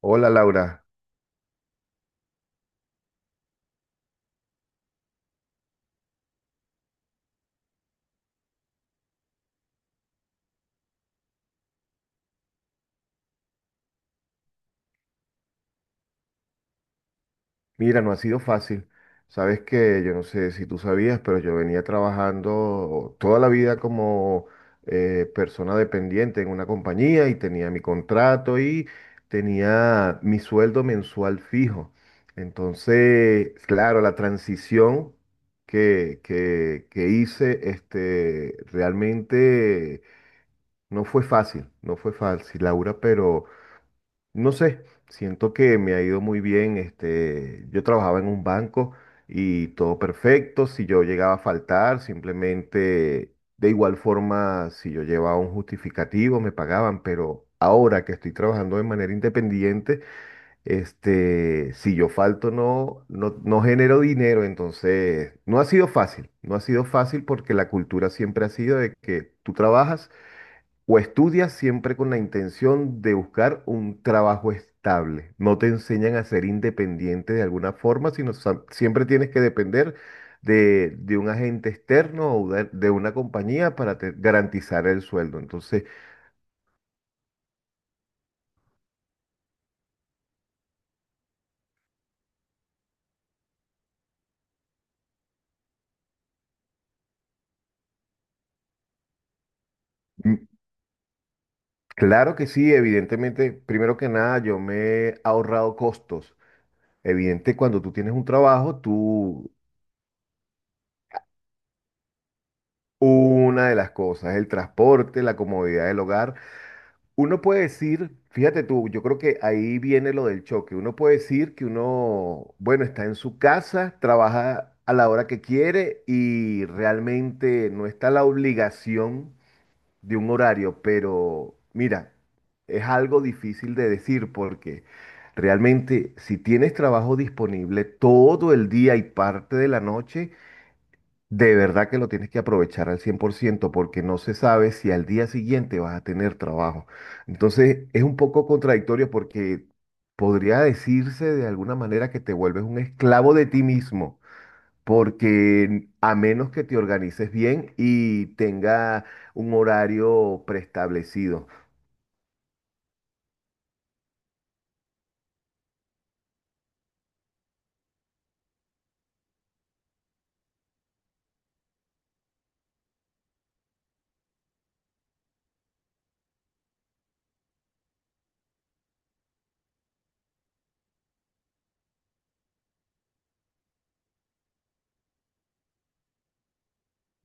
Hola Laura, mira, no ha sido fácil. Sabes que yo no sé si tú sabías, pero yo venía trabajando toda la vida como persona dependiente en una compañía y tenía mi contrato y tenía mi sueldo mensual fijo. Entonces, claro, la transición que hice realmente no fue fácil, no fue fácil, Laura, pero no sé, siento que me ha ido muy bien. Yo trabajaba en un banco y todo perfecto. Si yo llegaba a faltar, simplemente de igual forma, si yo llevaba un justificativo, me pagaban. Pero ahora que estoy trabajando de manera independiente, si yo falto, no genero dinero. Entonces, no ha sido fácil. No ha sido fácil porque la cultura siempre ha sido de que tú trabajas o estudias siempre con la intención de buscar un trabajo estable. No te enseñan a ser independiente de alguna forma, sino siempre tienes que depender de un agente externo o de una compañía para garantizar el sueldo. Entonces, mm, claro que sí, evidentemente, primero que nada, yo me he ahorrado costos. Evidente, cuando tú tienes un trabajo, tú, una de las cosas, el transporte, la comodidad del hogar. Uno puede decir, fíjate tú, yo creo que ahí viene lo del choque. Uno puede decir que uno, bueno, está en su casa, trabaja a la hora que quiere y realmente no está la obligación de un horario, pero mira, es algo difícil de decir porque realmente si tienes trabajo disponible todo el día y parte de la noche, de verdad que lo tienes que aprovechar al 100% porque no se sabe si al día siguiente vas a tener trabajo. Entonces es un poco contradictorio porque podría decirse de alguna manera que te vuelves un esclavo de ti mismo, porque a menos que te organices bien y tenga un horario preestablecido.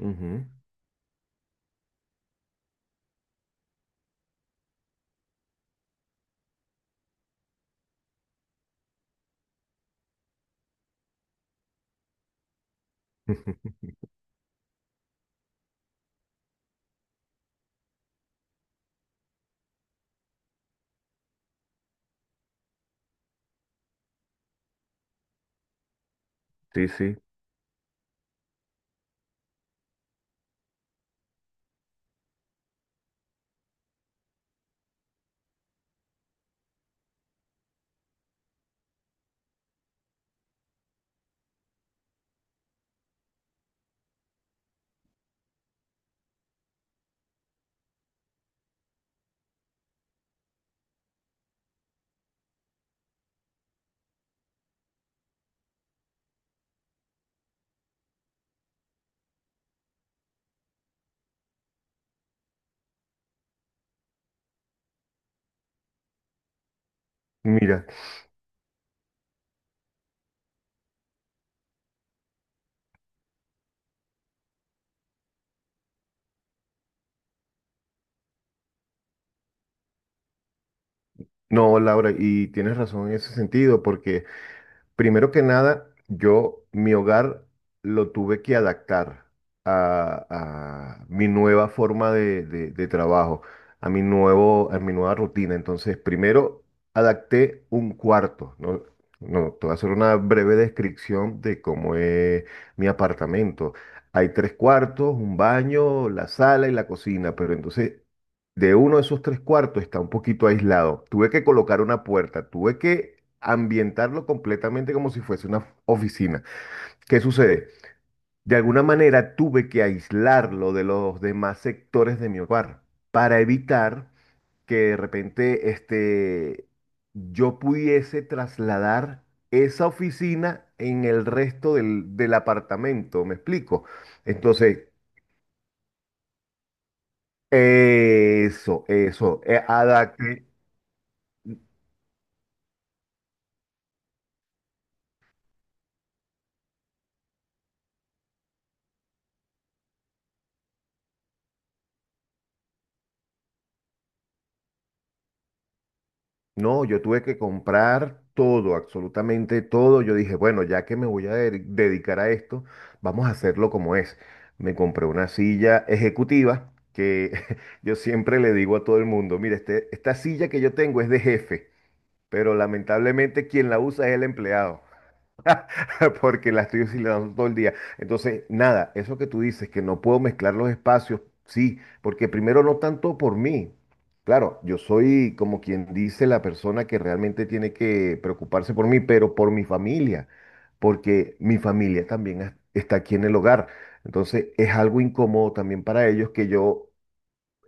Ujú. Sí, sí. Mira, no, Laura, y tienes razón en ese sentido, porque primero que nada, yo mi hogar lo tuve que adaptar a mi nueva forma de trabajo, a mi nueva rutina. Entonces, primero adapté un cuarto, ¿no? No, te voy a hacer una breve descripción de cómo es mi apartamento. Hay tres cuartos, un baño, la sala y la cocina, pero entonces de uno de esos tres cuartos está un poquito aislado. Tuve que colocar una puerta, tuve que ambientarlo completamente como si fuese una oficina. ¿Qué sucede? De alguna manera tuve que aislarlo de los demás sectores de mi hogar para evitar que de repente yo pudiese trasladar esa oficina en el resto del apartamento. ¿Me explico? Entonces, eso, eso. Adapté. No, yo tuve que comprar todo, absolutamente todo. Yo dije, bueno, ya que me voy a dedicar a esto, vamos a hacerlo como es. Me compré una silla ejecutiva que yo siempre le digo a todo el mundo, mire, esta silla que yo tengo es de jefe, pero lamentablemente quien la usa es el empleado. Porque la estoy oscilando todo el día. Entonces, nada, eso que tú dices, que no puedo mezclar los espacios, sí, porque primero no tanto por mí. Claro, yo soy como quien dice la persona que realmente tiene que preocuparse por mí, pero por mi familia, porque mi familia también está aquí en el hogar. Entonces, es algo incómodo también para ellos que yo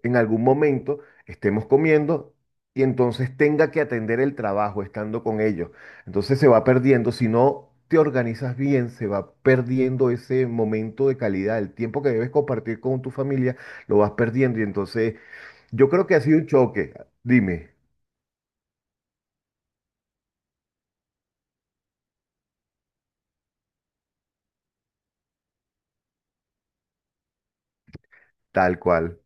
en algún momento estemos comiendo y entonces tenga que atender el trabajo estando con ellos. Entonces se va perdiendo, si no te organizas bien, se va perdiendo ese momento de calidad, el tiempo que debes compartir con tu familia, lo vas perdiendo y entonces yo creo que ha sido un choque, dime, tal cual.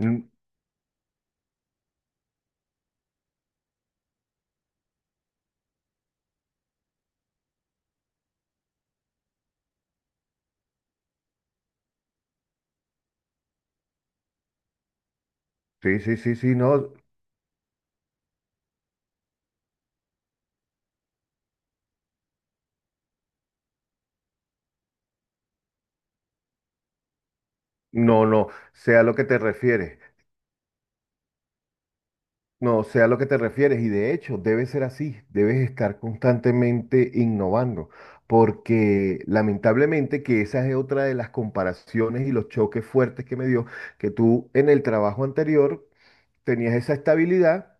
Mm, sí, sí, sí, sí, no, no, no, sea a lo que te refieres. No, sé a lo que te refieres y de hecho debe ser así, debes estar constantemente innovando, porque lamentablemente que esa es otra de las comparaciones y los choques fuertes que me dio, que tú en el trabajo anterior tenías esa estabilidad,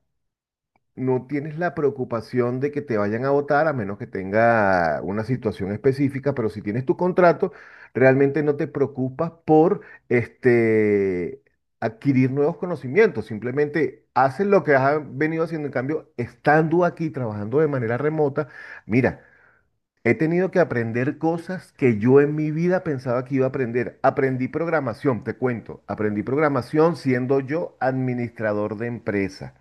no tienes la preocupación de que te vayan a votar a menos que tenga una situación específica, pero si tienes tu contrato, realmente no te preocupas por este, adquirir nuevos conocimientos, simplemente haces lo que has venido haciendo. En cambio, estando aquí trabajando de manera remota, mira, he tenido que aprender cosas que yo en mi vida pensaba que iba a aprender. Aprendí programación, te cuento. Aprendí programación siendo yo administrador de empresa.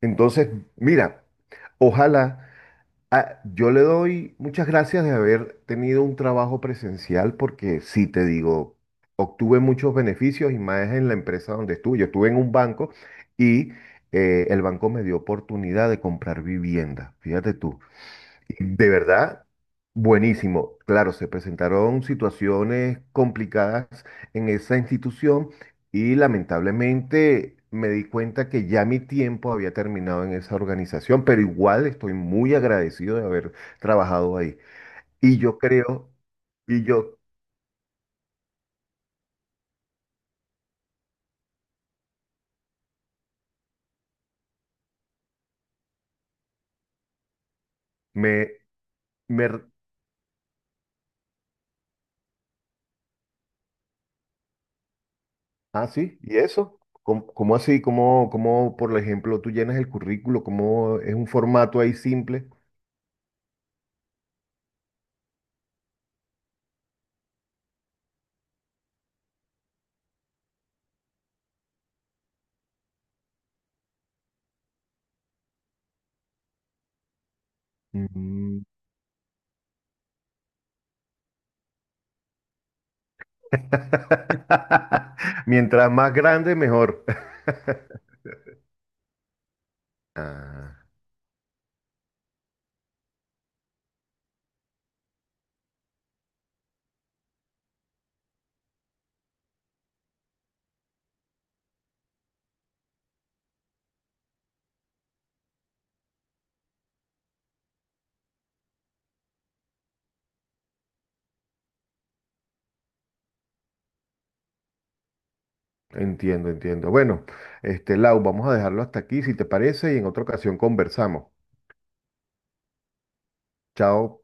Entonces, mira, ojalá, ah, yo le doy muchas gracias de haber tenido un trabajo presencial porque sí te digo, obtuve muchos beneficios y más en la empresa donde estuve. Yo estuve en un banco y el banco me dio oportunidad de comprar vivienda, fíjate tú. De verdad, buenísimo. Claro, se presentaron situaciones complicadas en esa institución y lamentablemente me di cuenta que ya mi tiempo había terminado en esa organización, pero igual estoy muy agradecido de haber trabajado ahí. Y yo creo, y yo me, me, r- ah, sí, ¿y eso? ¿Cómo, cómo así? ¿Cómo, cómo, por ejemplo, tú llenas el currículo? ¿Cómo es un formato ahí simple? Mm. Mientras más grande, mejor. Ah, entiendo, entiendo. Bueno, Lau, vamos a dejarlo hasta aquí, si te parece, y en otra ocasión conversamos. Chao.